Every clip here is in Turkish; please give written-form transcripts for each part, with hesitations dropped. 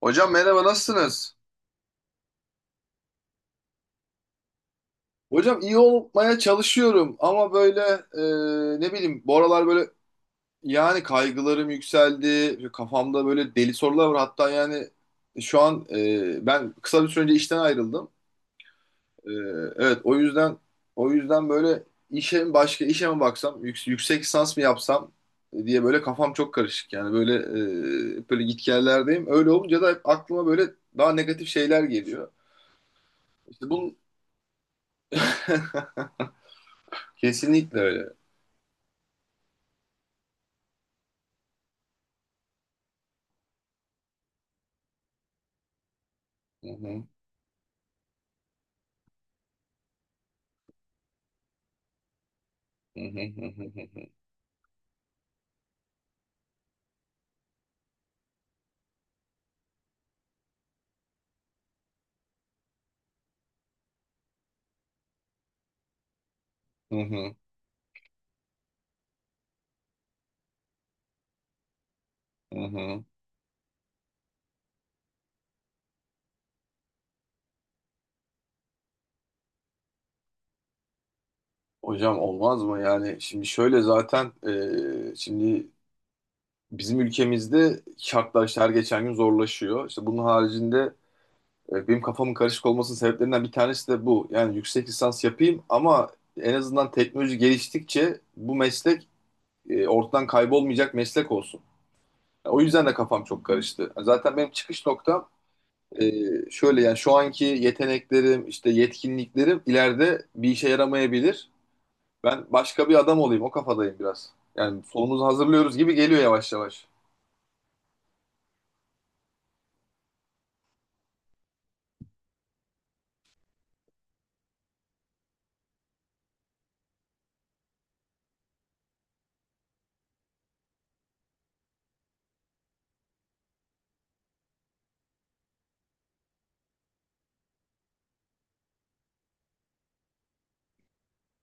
Hocam merhaba nasılsınız? Hocam iyi olmaya çalışıyorum ama böyle ne bileyim bu aralar böyle yani kaygılarım yükseldi. Kafamda böyle deli sorular var. Hatta yani şu an ben kısa bir süre önce işten ayrıldım. E, evet, o yüzden böyle işe mi başka işe mi baksam yüksek lisans mı yapsam diye böyle kafam çok karışık. Yani böyle böyle gitgellerdeyim. Öyle olunca da hep aklıma böyle daha negatif şeyler geliyor. İşte bunun kesinlikle öyle. Hı. Hı hı, hı hı, hı hı, hı hı, hı hı. Hocam olmaz mı? Yani şimdi şöyle zaten şimdi bizim ülkemizde şartlar işte her geçen gün zorlaşıyor. İşte bunun haricinde benim kafamın karışık olmasının sebeplerinden bir tanesi de bu. Yani yüksek lisans yapayım ama en azından teknoloji geliştikçe bu meslek ortadan kaybolmayacak meslek olsun. O yüzden de kafam çok karıştı. Yani zaten benim çıkış noktam e, şöyle yani şu anki yeteneklerim, işte yetkinliklerim ileride bir işe yaramayabilir. Ben başka bir adam olayım, o kafadayım biraz. Yani solumuzu hazırlıyoruz gibi geliyor yavaş yavaş.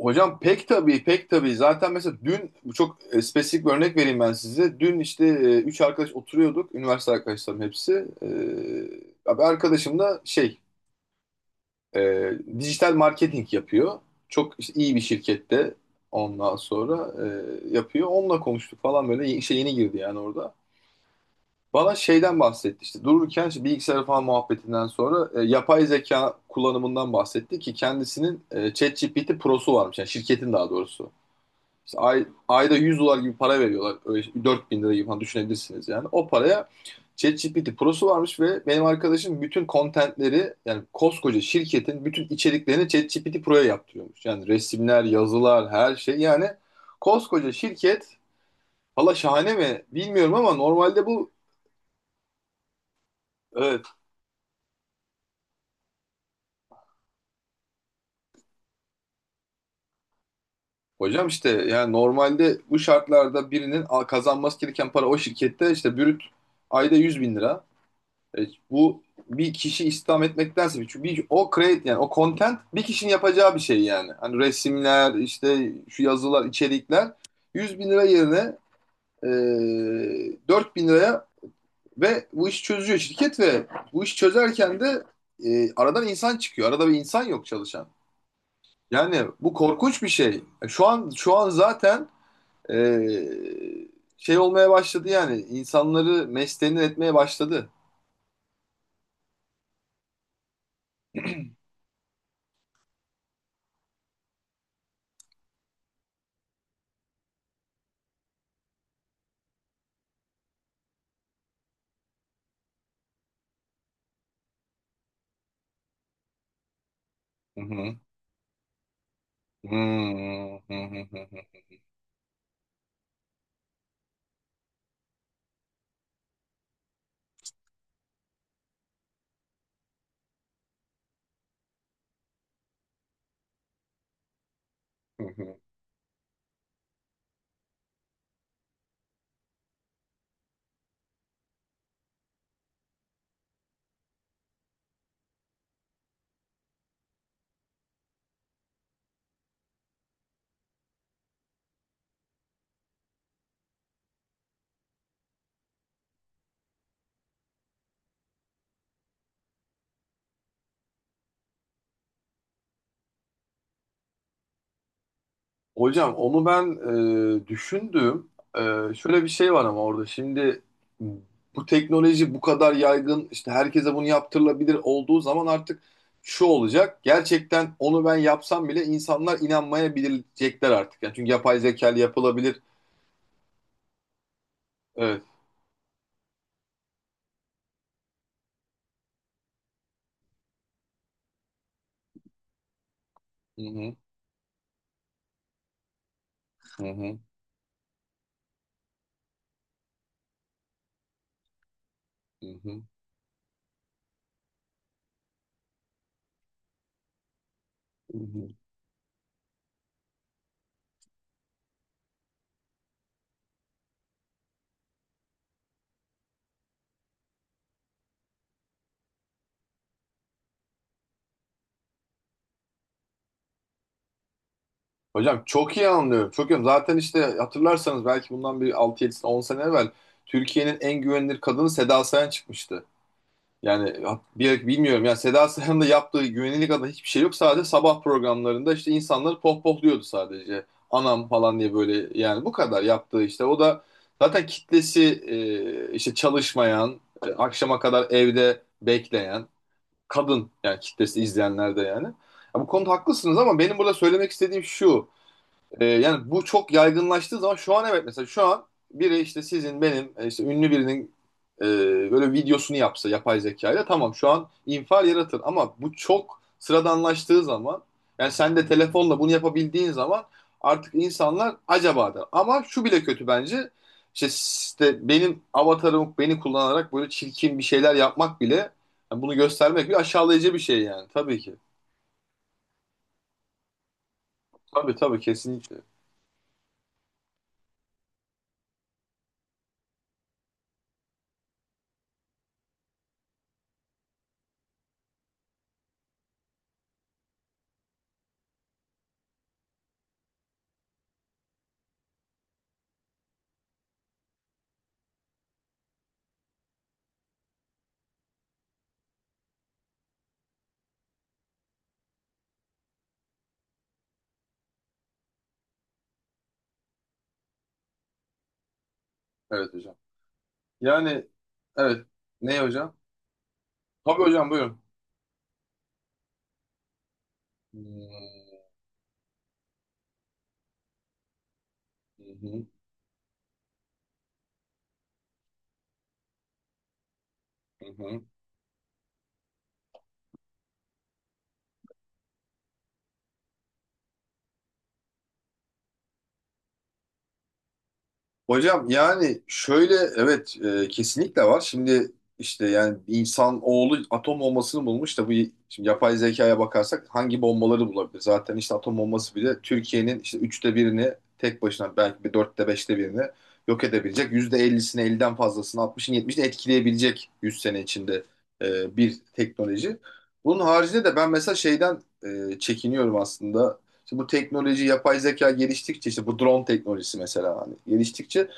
Hocam pek tabii, pek tabii. Zaten mesela dün bu çok spesifik bir örnek vereyim ben size. Dün işte üç arkadaş oturuyorduk. Üniversite arkadaşlarım hepsi. Abi, arkadaşım da e, dijital marketing yapıyor. Çok işte iyi bir şirkette ondan sonra yapıyor. Onunla konuştuk falan, böyle işe yeni girdi yani orada. Bana şeyden bahsetti, işte dururken işte bilgisayar falan muhabbetinden sonra yapay zeka kullanımından bahsetti ki kendisinin ChatGPT Pro'su varmış yani şirketin daha doğrusu. İşte ayda 100 dolar gibi para veriyorlar, öyle şey, 4 bin lira gibi falan düşünebilirsiniz yani. O paraya ChatGPT Pro'su varmış ve benim arkadaşım bütün contentleri yani koskoca şirketin bütün içeriklerini ChatGPT Pro'ya yaptırıyormuş. Yani resimler, yazılar, her şey yani, koskoca şirket. Valla şahane mi bilmiyorum ama normalde bu evet. Hocam işte yani normalde bu şartlarda kazanması gereken para o şirkette işte brüt ayda 100 bin lira. Bu bir kişi istihdam etmektense, çünkü bir, o create yani o content bir kişinin yapacağı bir şey yani. Hani resimler işte, şu yazılar, içerikler, 100 bin lira yerine 4 bin liraya ve bu işi çözüyor şirket ve bu işi çözerken de aradan insan çıkıyor. Arada bir insan yok çalışan. Yani bu korkunç bir şey. Şu an zaten e, şey olmaya başladı, yani insanları meştenir etmeye başladı. Hı hı. Hmm, hı hı, hı hı, hı Hocam onu ben düşündüm. Şöyle bir şey var ama orada şimdi bu teknoloji bu kadar yaygın, işte herkese bunu yaptırılabilir olduğu zaman artık şu olacak. Gerçekten onu ben yapsam bile insanlar inanmayabilecekler artık. Yani çünkü yapay zeka ile yapılabilir. Evet. Hı hı, hı hı, hı hı, hı hı. Hocam çok iyi anlıyorum. Çok iyi anlıyorum. Zaten işte hatırlarsanız belki bundan bir 6 7 on 10 sene evvel Türkiye'nin en güvenilir kadını Seda Sayan çıkmıştı. Yani bir, bilmiyorum yani Seda Sayan'ın da yaptığı güvenilir adına hiçbir şey yok. Sadece sabah programlarında işte insanları pohpohluyordu sadece. Anam falan diye, böyle yani bu kadar yaptığı işte. O da zaten kitlesi işte çalışmayan, akşama kadar evde bekleyen kadın yani, kitlesi izleyenler de yani. Ya bu konuda haklısınız ama benim burada söylemek istediğim şu. Yani bu çok yaygınlaştığı zaman, şu an evet, mesela şu an biri işte sizin, benim işte ünlü birinin e, böyle videosunu yapsa yapay zekayla, tamam şu an infial yaratır ama bu çok sıradanlaştığı zaman, yani sen de telefonla bunu yapabildiğin zaman artık insanlar acaba der. Ama şu bile kötü bence, işte benim avatarım beni kullanarak böyle çirkin bir şeyler yapmak bile, yani bunu göstermek bir aşağılayıcı bir şey yani tabii ki. Tabii, tabii, kesinlikle. Evet hocam. Yani evet. Ne hocam? Tabii hocam, buyurun. Hmm. Hı hı, hı hı. Hocam yani şöyle, evet, kesinlikle var. Şimdi işte yani insan oğlu atom bombasını bulmuş da bu, şimdi yapay zekaya bakarsak hangi bombaları bulabilir? Zaten işte atom bombası bile Türkiye'nin işte üçte birini tek başına, belki bir dörtte beşte birini yok edebilecek. %50'sini, 50'den fazlasını, 60'ını, 70'ini etkileyebilecek 100 sene içinde bir teknoloji. Bunun haricinde de ben mesela şeyden çekiniyorum aslında. İşte bu teknoloji, yapay zeka geliştikçe, işte bu drone teknolojisi mesela, hani geliştikçe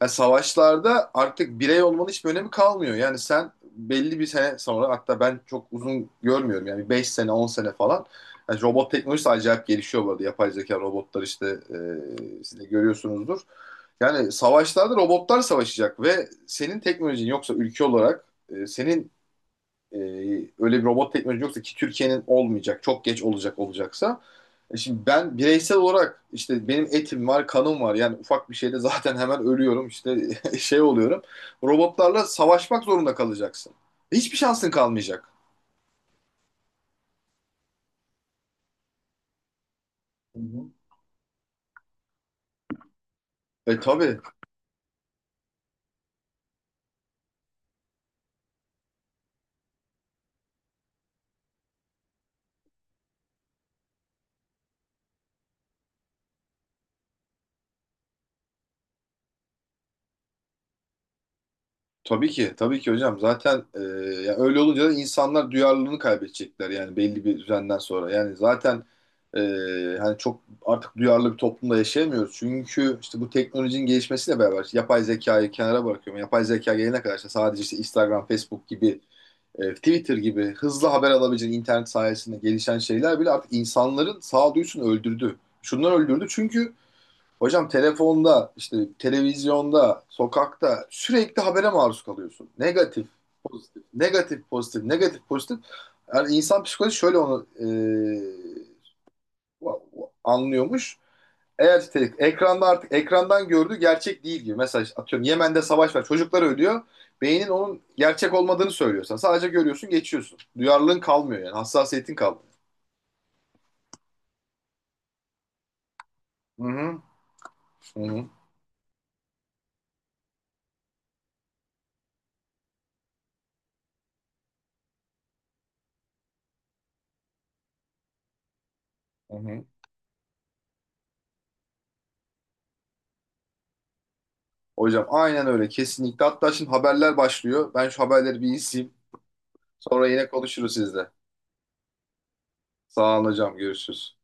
yani savaşlarda artık birey olmanın hiçbir önemi kalmıyor. Yani sen belli bir sene sonra, hatta ben çok uzun görmüyorum yani, 5 sene 10 sene falan, yani robot teknolojisi acayip gelişiyor bu arada. Yapay zeka robotlar işte, siz de görüyorsunuzdur. Yani savaşlarda robotlar savaşacak ve senin teknolojin yoksa ülke olarak, senin e, öyle bir robot teknolojin yoksa ki Türkiye'nin olmayacak, çok geç olacak olacaksa. Şimdi ben bireysel olarak işte benim etim var, kanım var. Yani ufak bir şeyde zaten hemen ölüyorum, işte şey oluyorum. Robotlarla savaşmak zorunda kalacaksın. Hiçbir şansın kalmayacak. Hı hı. Tabii. Tabii ki. Tabii ki hocam. Zaten yani öyle olunca da insanlar duyarlılığını kaybedecekler yani belli bir düzenden sonra. Yani zaten e, hani çok artık duyarlı bir toplumda yaşayamıyoruz. Çünkü işte bu teknolojinin gelişmesiyle beraber, işte yapay zekayı kenara bırakıyorum. Yapay zeka gelene kadar işte sadece işte Instagram, Facebook gibi, Twitter gibi hızlı haber alabileceğin internet sayesinde gelişen şeyler bile artık insanların sağduyusunu öldürdü. Şundan öldürdü çünkü hocam, telefonda, işte televizyonda, sokakta sürekli habere maruz kalıyorsun. Negatif, pozitif, negatif, pozitif, negatif, pozitif. Yani insan psikolojisi şöyle onu anlıyormuş. Eğer ekranda, artık ekrandan gördüğü gerçek değil gibi. Mesela işte atıyorum Yemen'de savaş var, çocuklar ölüyor. Beynin onun gerçek olmadığını söylüyorsan sadece görüyorsun, geçiyorsun. Duyarlılığın kalmıyor yani, hassasiyetin kalmıyor. Hı hı, hı hı, hı hı. Hocam aynen öyle, kesinlikle. Hatta şimdi haberler başlıyor. Ben şu haberleri bir izleyeyim. Sonra yine konuşuruz sizle. Sağ olun hocam, görüşürüz.